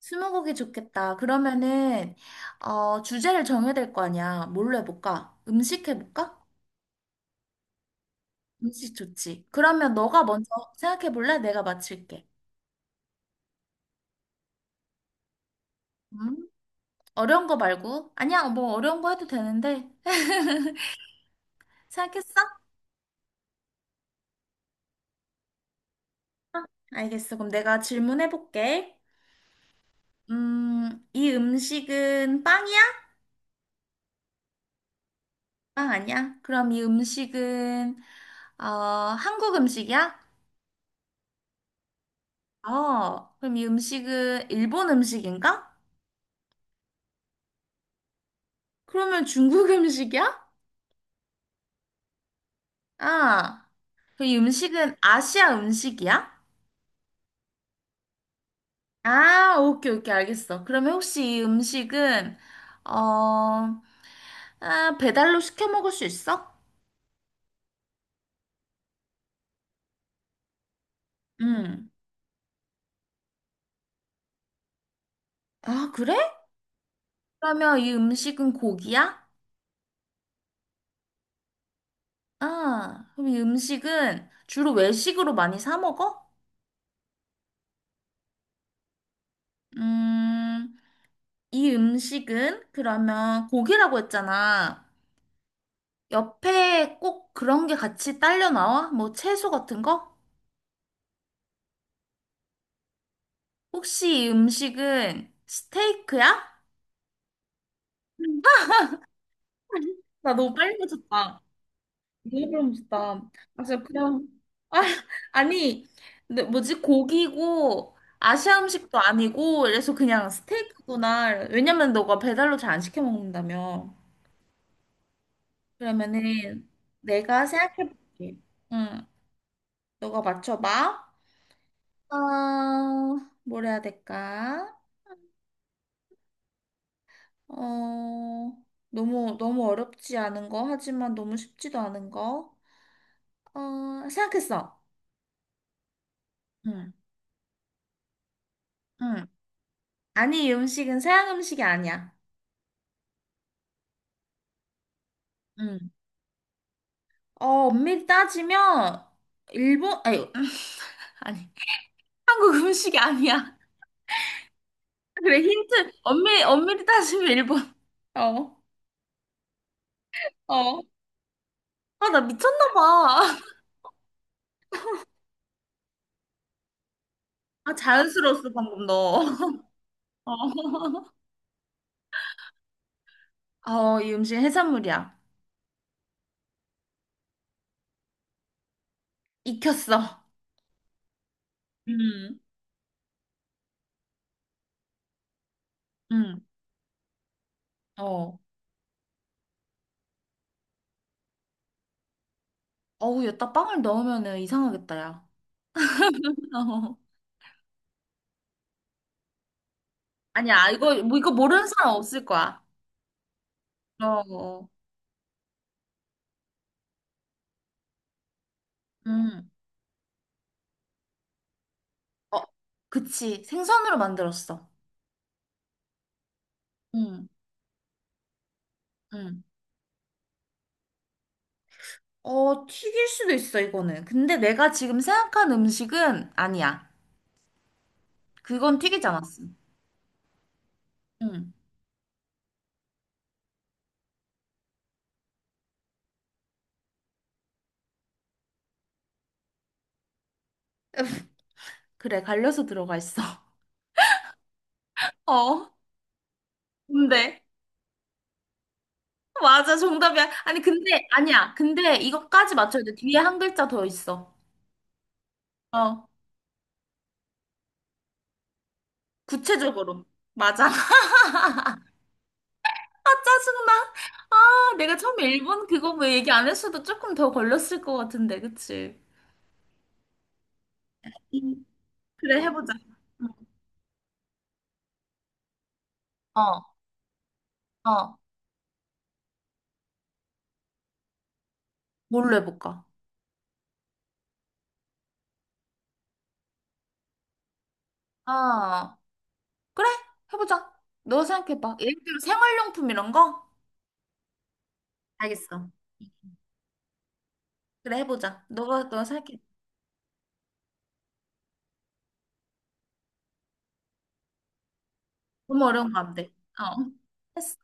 스무고개 좋겠다. 그러면은 주제를 정해야 될 거 아니야. 뭘로 해볼까? 음식 해볼까? 음식 좋지. 그러면 너가 먼저 생각해 볼래? 내가 맞힐게. 음? 어려운 거 말고. 아니야, 뭐 어려운 거 해도 되는데. 해- 생각했어? 알겠어. 그럼 내가 질문해 볼게. 이 음식은 빵이야? 빵 아니야? 그럼 이 음식은 한국 음식이야? 그럼 이 음식은 일본 음식인가? 그러면 중국 음식이야? 아, 그 음식은 아시아 음식이야? 아, 오케이, 오케이, 알겠어. 그러면 혹시 이 음식은, 어, 아, 배달로 시켜 먹을 수 있어? 응. 아, 그래? 그러면 이 음식은 고기야? 아, 그럼 이 음식은 주로 외식으로 많이 사 먹어? 음, 이 음식은 그러면 고기라고 했잖아. 옆에 꼭 그런 게 같이 딸려 나와? 뭐 채소 같은 거? 혹시 이 음식은 스테이크야? 나 너무 빨리 맞췄다. 너무 빨리 맞췄다. 아, 진짜 그냥. 아, 아니, 근데 뭐지? 고기고, 아시아 음식도 아니고, 그래서 그냥 스테이크구나. 왜냐면 너가 배달로 잘 안 시켜 먹는다며. 그러면은 내가 생각해볼게. 응, 너가 맞춰봐. 어, 뭘 해야 될까? 어, 너무 어렵지 않은 거, 하지만 너무 쉽지도 않은 거. 어, 생각했어. 응, 응, 아니, 이 음식은 서양 음식이 아니야. 응. 어, 엄밀히 따지면, 일본, 아니, 아니, 한국 음식이 아니야. 그래, 힌트. 엄밀히 따지면 일본. 어, 어. 아, 나 미쳤나 봐. 아, 자연스러웠어, 방금 너. 어. 어, 이 음식 해산물이야. 익혔어. 음, 음. 어. 어우, 여기다 빵을 넣으면은 이상하겠다, 야. 아니야, 이거, 뭐, 이거 모르는 사람 없을 거야. 어, 어. 음. 어, 그치. 생선으로 만들었어. 응, 응. 어, 튀길 수도 있어, 이거는. 근데 내가 지금 생각한 음식은 아니야. 그건 튀기지 않았어. 응. 그래, 갈려서 들어가 있어. 어, 근데. 맞아, 정답이야. 아니, 근데, 아니야. 근데 이거까지 맞춰야 돼. 뒤에 한 글자 더 있어. 어, 구체적으로. 맞아. 아, 짜증나. 아, 내가 처음에 일본 그거 뭐 얘기 안 했어도 조금 더 걸렸을 것 같은데, 그치? 음, 그래, 해보자. 응. 어, 어, 뭘로 해볼까? 아, 그래, 해보자. 너 생각해봐. 예를 들어 생활용품 이런 거? 알겠어. 그래, 해보자. 너가, 너 생각해. 너무 어려운 거 안 돼. 어, 했어?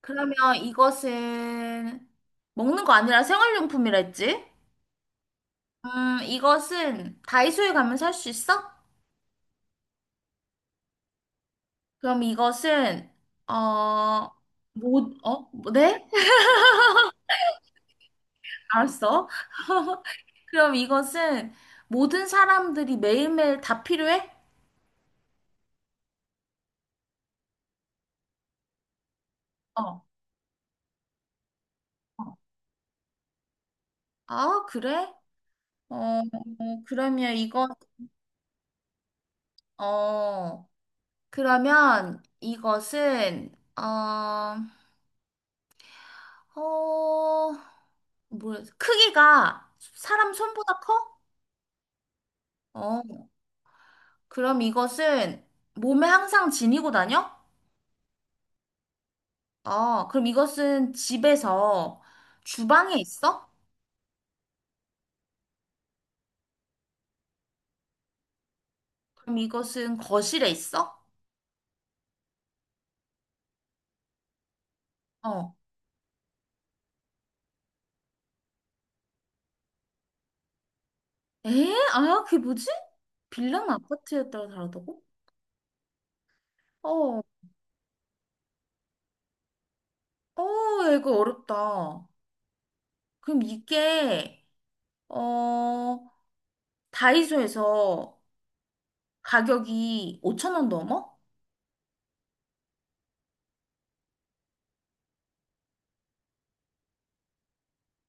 그러면 이것은 먹는 거 아니라 생활용품이라 했지? 이것은 다이소에 가면 살 수 있어? 그럼 이것은 어, 모, 어, 뭐, 네? 알았어. 그럼 이것은 모든 사람들이 매일매일 다 필요해? 어. 어. 아, 그래? 어, 어, 그러면 이거 어, 그러면 이것은, 어, 어, 뭐야, 크기가 사람 손보다 커? 어, 그럼 이것은 몸에 항상 지니고 다녀? 아, 그럼 이것은 집에서 주방에 있어? 그럼 이것은 거실에 있어? 어. 에? 아, 그게 뭐지? 빌랑 아파트에 따라 다르다고? 어, 어, 야, 이거 어렵다. 그럼 이게, 어, 다이소에서 가격이 5,000원 넘어?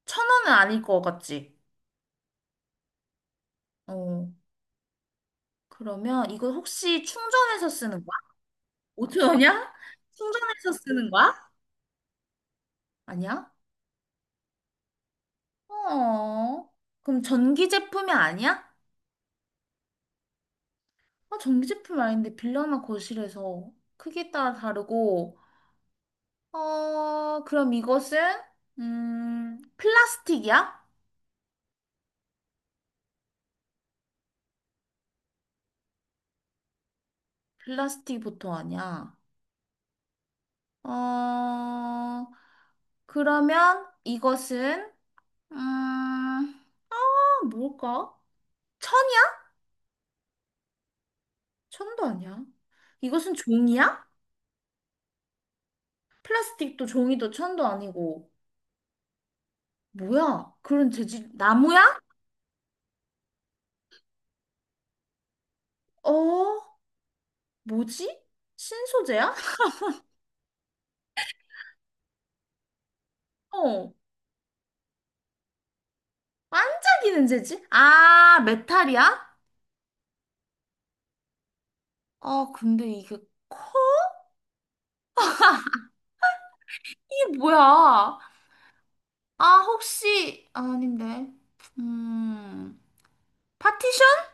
1,000원은 아닐 것 같지? 어, 그러면 이거 혹시 충전해서 쓰는 거야? 5,000원이야? 충전해서 쓰는 거야? 아니야? 어, 그럼 전기 제품이 아니야? 아, 전기 제품 아닌데 빌라나 거실에서 크기에 따라 다르고, 어, 그럼 이것은, 플라스틱이야? 플라스틱 보통 아니야. 어, 그러면 이것은, 음, 아, 뭘까? 천이야? 천도 아니야. 이것은 종이야? 플라스틱도 종이도 천도 아니고, 뭐야? 그런 재질, 나무야? 어? 뭐지? 신소재야? 어. 반짝이는 재질? 아, 메탈이야? 아, 근데 이게, 이게 뭐야? 아, 혹시, 아, 아닌데. 음, 파티션?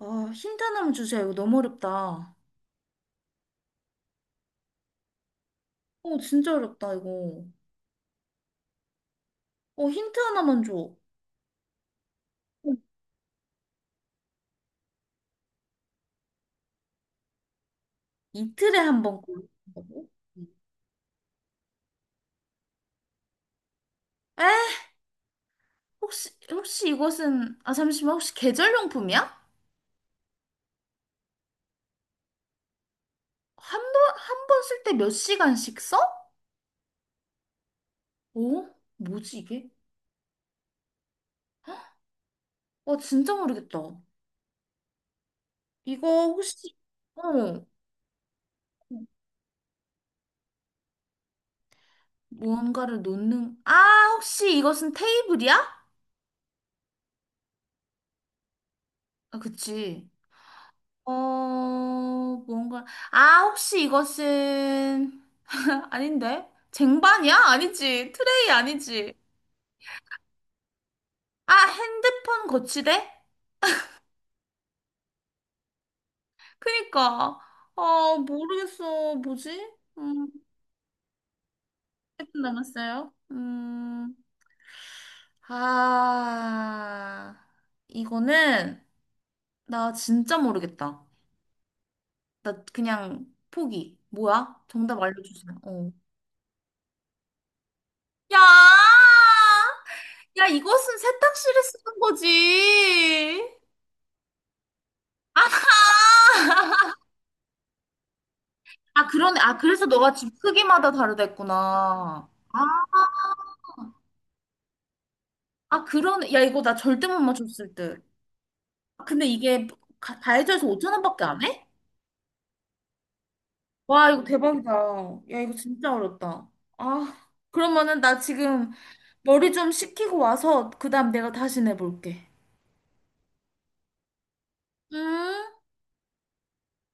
아, 힌트 하나만 주세요. 이거 너무 어렵다. 어, 진짜 어렵다, 이거. 어, 힌트 하나만 줘. 어, 이틀에 한 번 꼴린다고? 에? 혹시 이것은, 아, 잠시만, 혹시 계절용품이야? 한 번 쓸 때 몇 시간씩 써? 어? 뭐지, 이게? 와, 진짜 모르겠다. 이거 혹시, 어, 무언가를 놓는, 아, 혹시 이것은 테이블이야? 아, 그치. 어, 무언가, 아, 혹시 이것은, 아닌데? 쟁반이야? 아니지. 트레이 아니지. 아, 핸드폰 거치대? 그니까. 아, 모르겠어. 뭐지? 음, 1분 남았어요. 아, 이거는, 나 진짜 모르겠다. 나 그냥 포기. 뭐야? 정답 알려주세요. 어. 야! 야, 이것은 세탁실에 쓰는 거지. 아! 아, 그러네. 아, 그래서 너가 집 크기마다 다르댔구나. 아, 아, 그러네. 야, 이거 나 절대 못 맞췄을 듯. 아, 근데 이게 가- 다이소에서 5천 원밖에 안 해? 와, 이거 대박이다. 야, 이거 진짜 어렵다. 아, 그러면은 나 지금 머리 좀 식히고 와서 그다음 내가 다시 내볼게. 음.